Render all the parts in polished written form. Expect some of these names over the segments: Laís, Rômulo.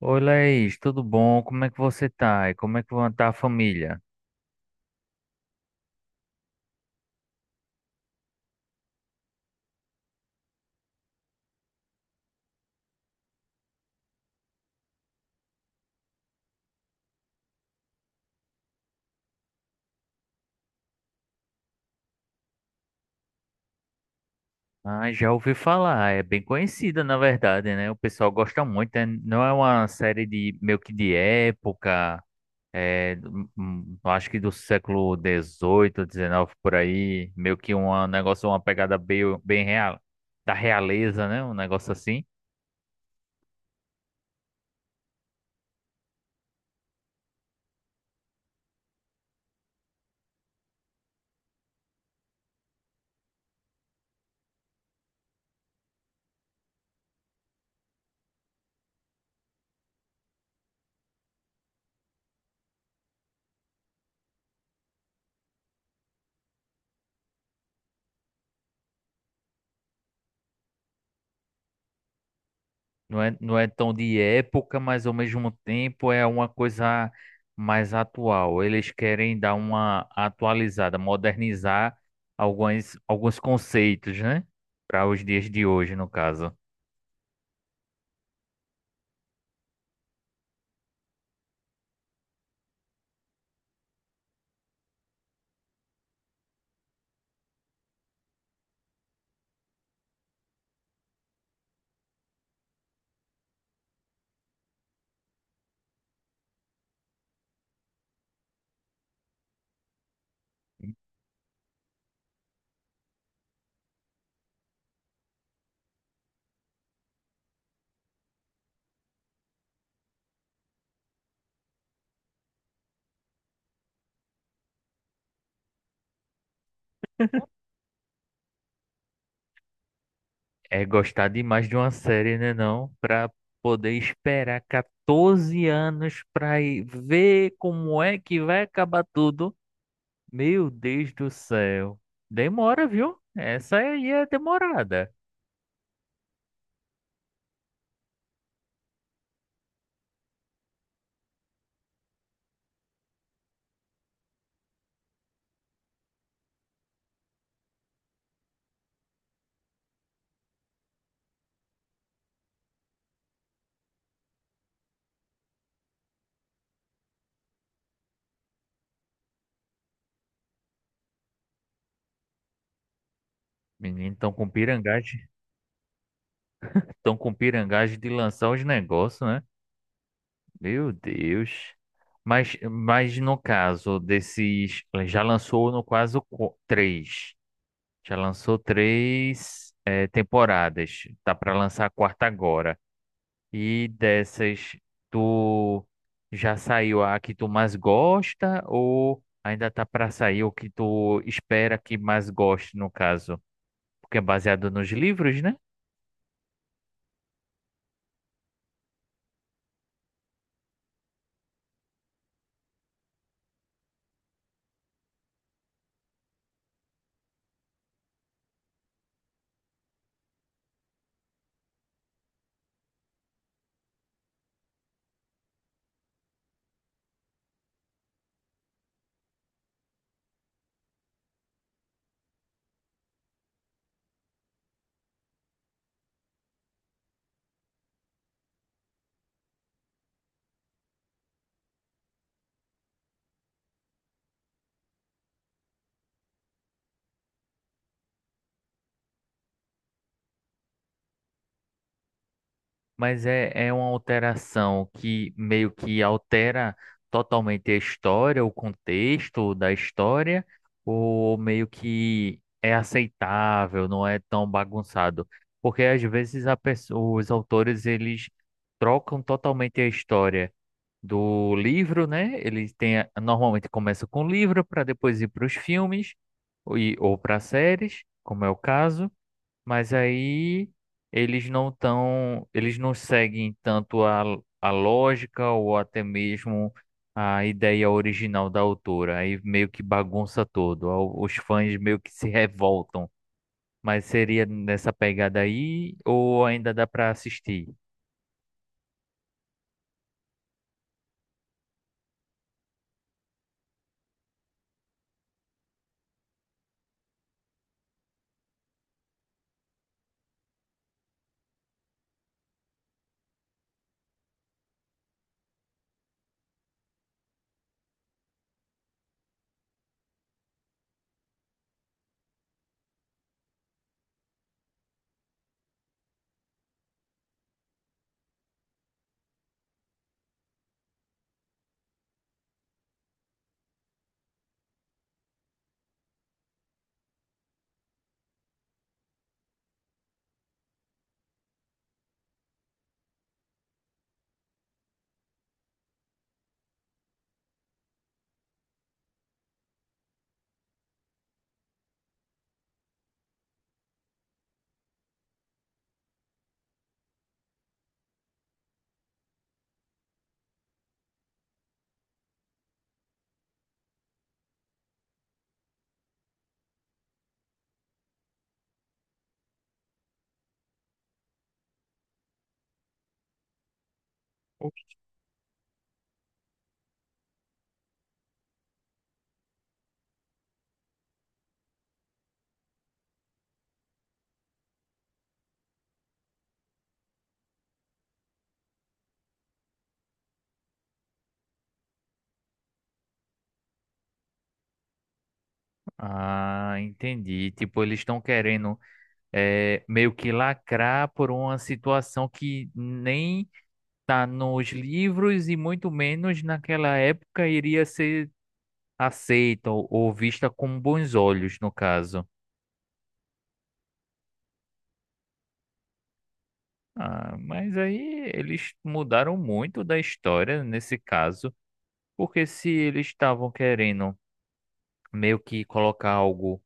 Oi, Laís, tudo bom? Como é que você tá? E como é que tá a família? Ah, já ouvi falar, é bem conhecida, na verdade, né? O pessoal gosta muito, né? Não é uma série de meio que de época, é, acho que do século XVIII, XIX, por aí, meio que um negócio, uma pegada bem, bem real, da realeza, né? Um negócio assim. Não é, não é tão de época, mas ao mesmo tempo é uma coisa mais atual. Eles querem dar uma atualizada, modernizar alguns conceitos, né? Para os dias de hoje, no caso. É gostar demais de uma série, né, não? Para poder esperar 14 anos para ver como é que vai acabar tudo. Meu Deus do céu. Demora, viu? Essa aí é demorada. Menino, tão com pirangagem. Estão com pirangagem de lançar os negócios, né? Meu Deus. Mas no caso desses. Já lançou, no caso, três. Já lançou três temporadas. Tá para lançar a quarta agora. E dessas, tu já saiu a que tu mais gosta? Ou ainda tá para sair o que tu espera que mais goste, no caso? Porque é baseado nos livros, né? Mas é uma alteração que meio que altera totalmente a história, o contexto da história, ou meio que é aceitável, não é tão bagunçado. Porque às vezes os autores eles trocam totalmente a história do livro, né? Eles têm, normalmente começa com o livro para depois ir para os filmes ou, ou para séries, como é o caso. Mas aí eles não tão, eles não seguem tanto a lógica ou até mesmo a ideia original da autora. Aí meio que bagunça todo. Os fãs meio que se revoltam. Mas seria nessa pegada aí ou ainda dá para assistir? Ah, entendi. Tipo, eles estão querendo meio que lacrar por uma situação que nem tá nos livros e muito menos naquela época iria ser aceita ou vista com bons olhos, no caso. Ah, mas aí eles mudaram muito da história nesse caso, porque se eles estavam querendo meio que colocar algo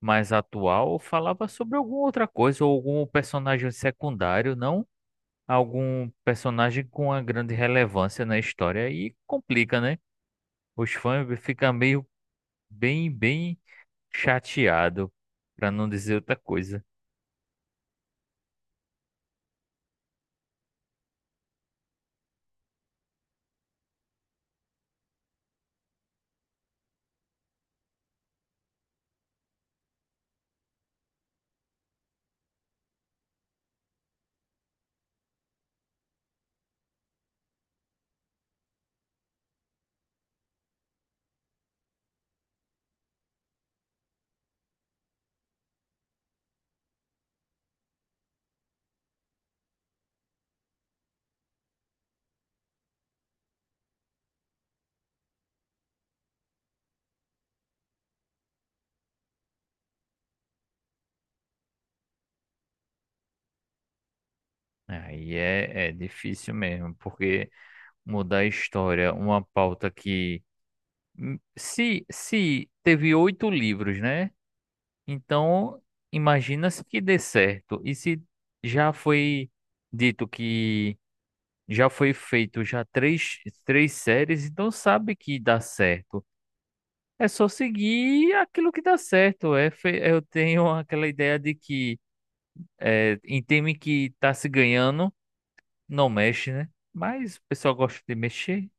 mais atual, falava sobre alguma outra coisa, ou algum personagem secundário, não algum personagem com uma grande relevância na história. E complica, né? Os fãs ficam meio bem chateado para não dizer outra coisa. Aí é difícil mesmo, porque mudar a história, uma pauta que. Se teve oito livros, né? Então, imagina-se que dê certo. E se já foi dito que já foi feito já três séries, então sabe que dá certo. É só seguir aquilo que dá certo. É, eu tenho aquela ideia de que em time que tá se ganhando, não mexe, né? Mas o pessoal gosta de mexer,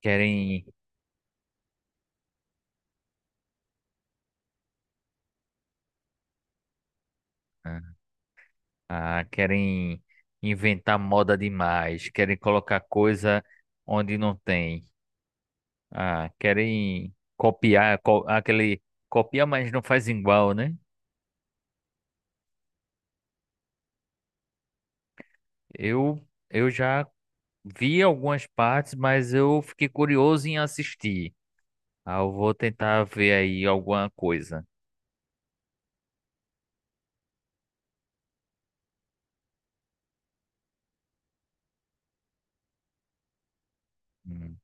querem, ah, querem inventar moda demais, querem colocar coisa onde não tem, ah, querem copiar, aquele copia, mas não faz igual, né? Eu, eu já vi algumas partes, mas eu fiquei curioso em assistir. Ah, eu vou tentar ver aí alguma coisa. Hum.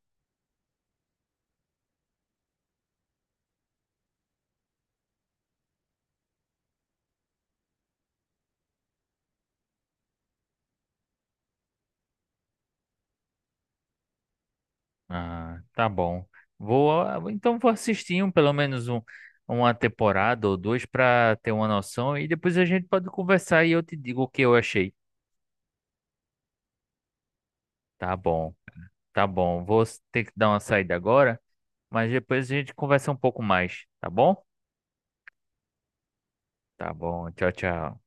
Ah, tá bom. Então vou assistir uma temporada ou duas para ter uma noção e depois a gente pode conversar e eu te digo o que eu achei. Tá bom, tá bom. Vou ter que dar uma saída agora, mas depois a gente conversa um pouco mais, tá bom? Tá bom. Tchau, tchau.